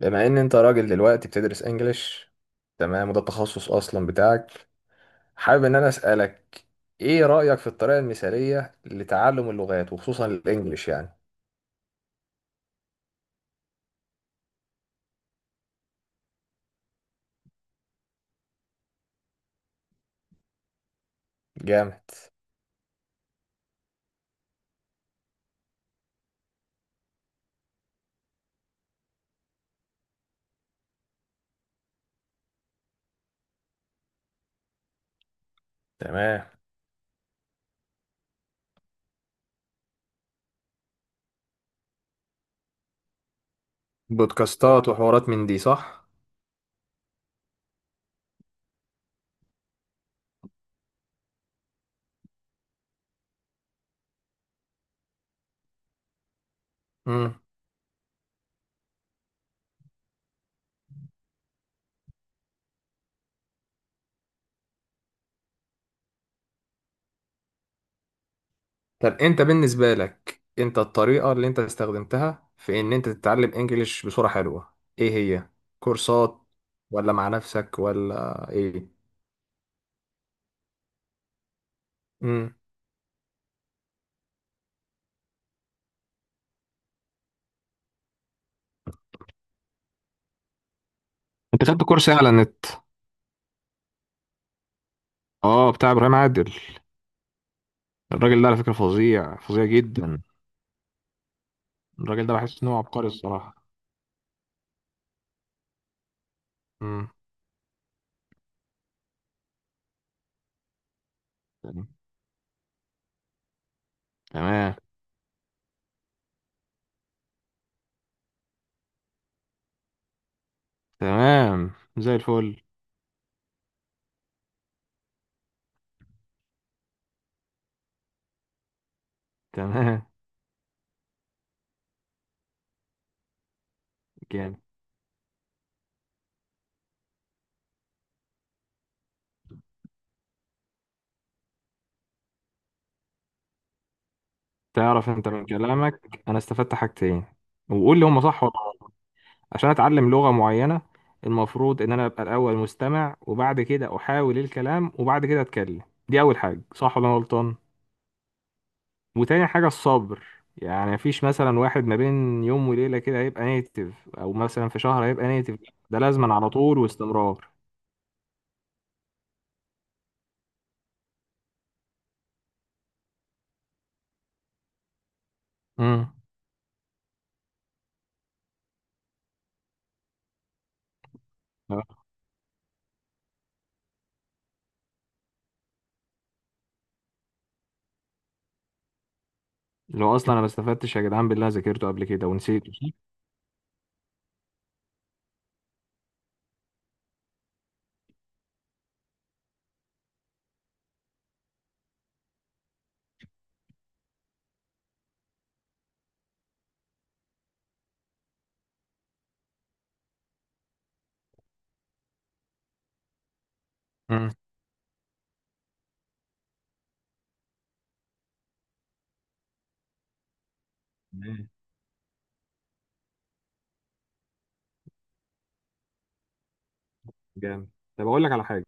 بما ان انت راجل دلوقتي بتدرس انجليش. تمام، وده التخصص اصلا بتاعك. حابب ان انا اسالك، ايه رايك في الطريقه المثاليه لتعلم اللغات وخصوصا الانجليش يعني؟ جامد. تمام. بودكاستات وحوارات من دي صح؟ امم طب انت بالنسبه لك، انت الطريقه اللي انت استخدمتها في ان انت تتعلم انجليش بصوره حلوه ايه هي؟ كورسات ولا مع نفسك ولا ايه؟ امم انت خدت كورس ايه على النت؟ اه، بتاع ابراهيم عادل. الراجل ده على فكرة فظيع، فظيع جدا. الراجل ده بحس ان هو عبقري الصراحة. امم تمام. تمام، زي الفل. تمام. جامد. تعرف، انت من كلامك انا استفدت حاجتين، وقول لي هما صح ولا غلط. عشان اتعلم لغة معينة، المفروض ان انا ابقى الاول مستمع وبعد كده احاول الكلام وبعد كده اتكلم. دي اول حاجة، صح ولا انا غلطان؟ وتاني حاجة الصبر. يعني مفيش مثلا واحد ما بين يوم وليلة كده هيبقى نيتف، أو مثلا في شهر هيبقى نيتف. ده لازما على طول واستمرار. امم آه. لو أصلا أنا ما استفدتش يا جدعان، بالله ذاكرته قبل كده ونسيته صح؟ امم تمام. جامد. طب أقول لك على حاجة.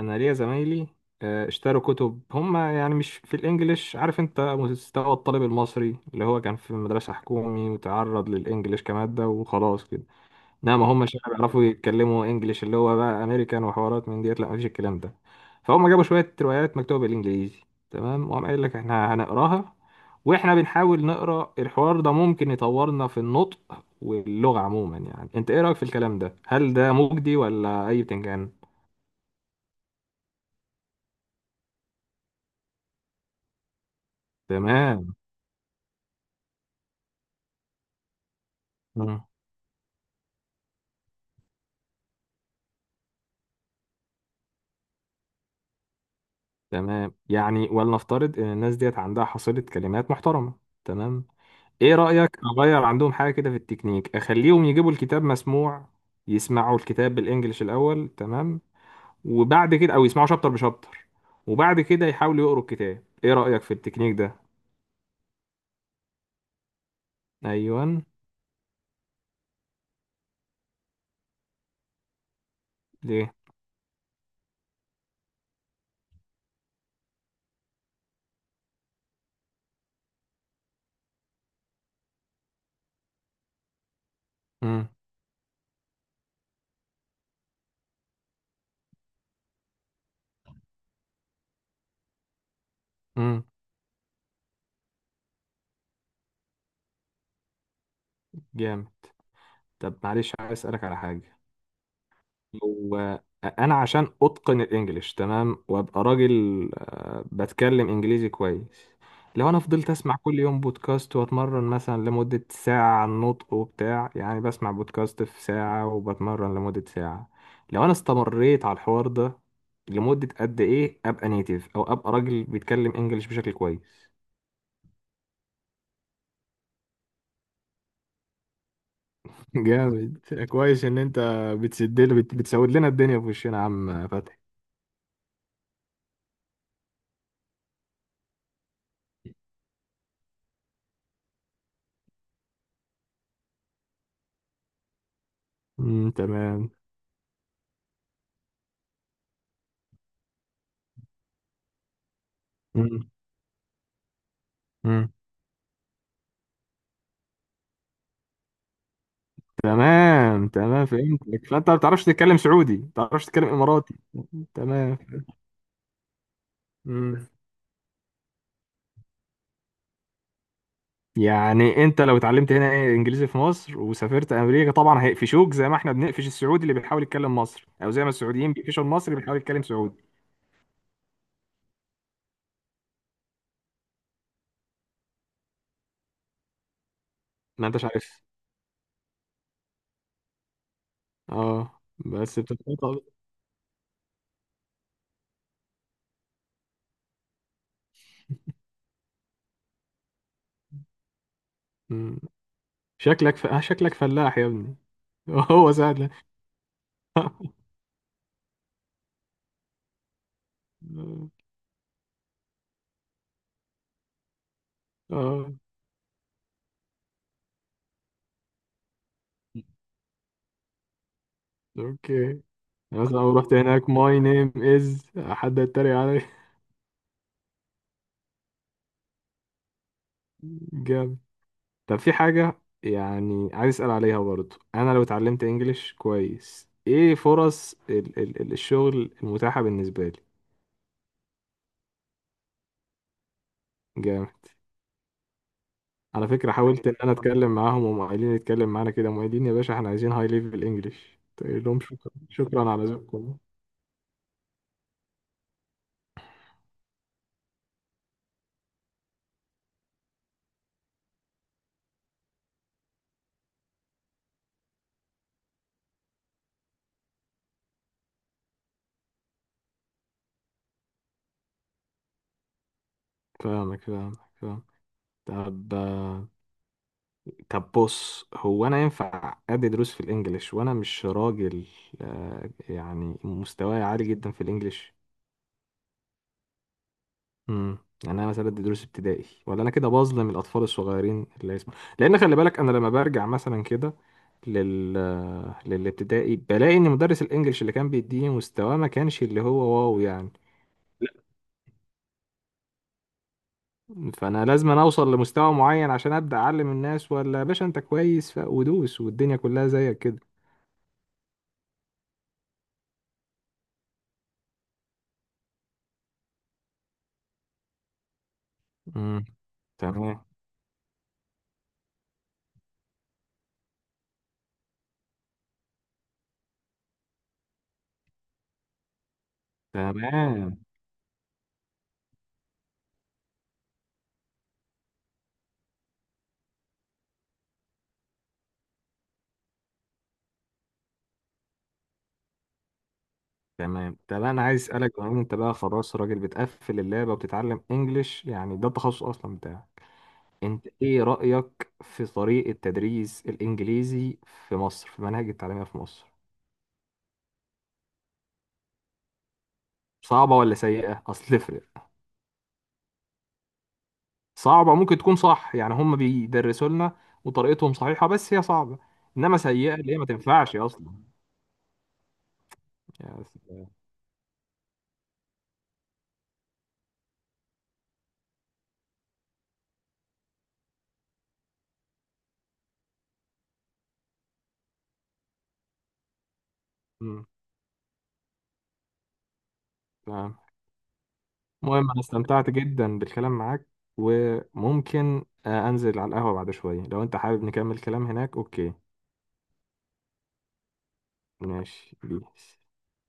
أنا ليا زمايلي، اشتروا كتب هم، يعني مش في الإنجليش. عارف أنت مستوى الطالب المصري اللي هو كان في مدرسة حكومي وتعرض للإنجليش كمادة وخلاص كده. لا، ما هماش يعني بيعرفوا يتكلموا انجليش اللي هو بقى امريكان وحوارات من ديت. لا، مفيش الكلام ده. فهم جابوا شويه روايات مكتوبه بالانجليزي. تمام، وقام قايل لك احنا هنقراها، واحنا بنحاول نقرا الحوار ده ممكن يطورنا في النطق واللغه عموما. يعني انت ايه رايك في الكلام ده؟ هل ده مجدي ولا اي بتنجان؟ تمام. مم. تمام، يعني ولنفترض ان الناس ديت عندها حصيله كلمات محترمه. تمام. ايه رأيك اغير عندهم حاجة كده في التكنيك؟ اخليهم يجيبوا الكتاب مسموع، يسمعوا الكتاب بالانجلش الاول، تمام، وبعد كده او يسمعوا شابتر بشابتر، وبعد كده يحاولوا يقروا الكتاب. ايه رأيك في التكنيك ده؟ ايوه. ليه؟ امم امم جامد. طب معلش، عايز اسالك على حاجة. هو انا عشان اتقن الانجليش، تمام، وابقى راجل بتكلم انجليزي كويس، لو انا فضلت اسمع كل يوم بودكاست واتمرن مثلا لمدة ساعة على النطق وبتاع، يعني بسمع بودكاست في ساعة وبتمرن لمدة ساعة، لو انا استمريت على الحوار ده لمدة قد ايه ابقى نيتيف او ابقى راجل بيتكلم انجليش بشكل كويس؟ جامد. كويس ان انت بتسود لنا الدنيا في وشنا يا عم فتحي. تمام. امم تمام. تمام، فهمتك. فانت ما بتعرفش تتكلم سعودي، ما بتعرفش تتكلم اماراتي. تمام. مم. يعني انت لو اتعلمت هنا ايه انجليزي في مصر وسافرت امريكا، طبعا هيقفشوك زي ما احنا بنقفش السعودي اللي بيحاول يتكلم مصري، او زي ما السعوديين بيقفشوا المصري اللي بيحاول يتكلم سعودي. ما انتش عارف. اه، بس بتتفضل. شكلك ف... آه، شكلك فلاح يا ابني. هو سهل. اه. اوكي. مثلا لو رحت هناك ماي نيم از، حد يتريق علي؟ جامد. طب في حاجة يعني عايز أسأل عليها برضو. أنا لو اتعلمت إنجليش كويس، إيه فرص الشغل المتاحة بالنسبة لي؟ جامد. على فكرة حاولت إن أنا أتكلم معاهم، وهم قايلين نتكلم معانا كده، هم قايلين يا باشا إحنا عايزين هاي ليفل إنجليش. تقول لهم شكرا، شكرا على ذوقكم. فاهمك، فاهمك، فاهم. طب، طب بص، هو أنا ينفع أدي دروس في الإنجليش وأنا مش راجل، يعني مستواي عالي جدا في الإنجليش؟ امم يعني انا مثلا ادي دروس ابتدائي ولا انا كده بظلم الاطفال الصغيرين اللي اسمه، لان خلي بالك انا لما برجع مثلا كده لل للابتدائي بلاقي ان مدرس الانجليش اللي كان بيديني مستواه ما كانش اللي هو واو يعني. فانا لازم أنا اوصل لمستوى معين عشان ابدا اعلم الناس، ولا يا باشا انت كويس ودوس والدنيا كلها زيك كده؟ امم تمام. تمام. تمام. طب انا عايز اسالك، بما إن انت بقى خلاص راجل بتقفل اللعبه وبتتعلم انجليش، يعني ده التخصص اصلا بتاعك، انت ايه رأيك في طريقة تدريس الانجليزي في مصر، في مناهج التعليمية في مصر؟ صعبة ولا سيئة؟ اصل تفرق. صعبة ممكن تكون صح، يعني هم بيدرسوا لنا وطريقتهم صحيحة بس هي صعبة. انما سيئة اللي هي ما تنفعش اصلا. يعني س- مم. تمام. المهم انا استمتعت جدا بالكلام معاك، وممكن انزل على القهوة بعد شوية لو انت حابب نكمل كلام هناك. اوكي، ماشي بيس.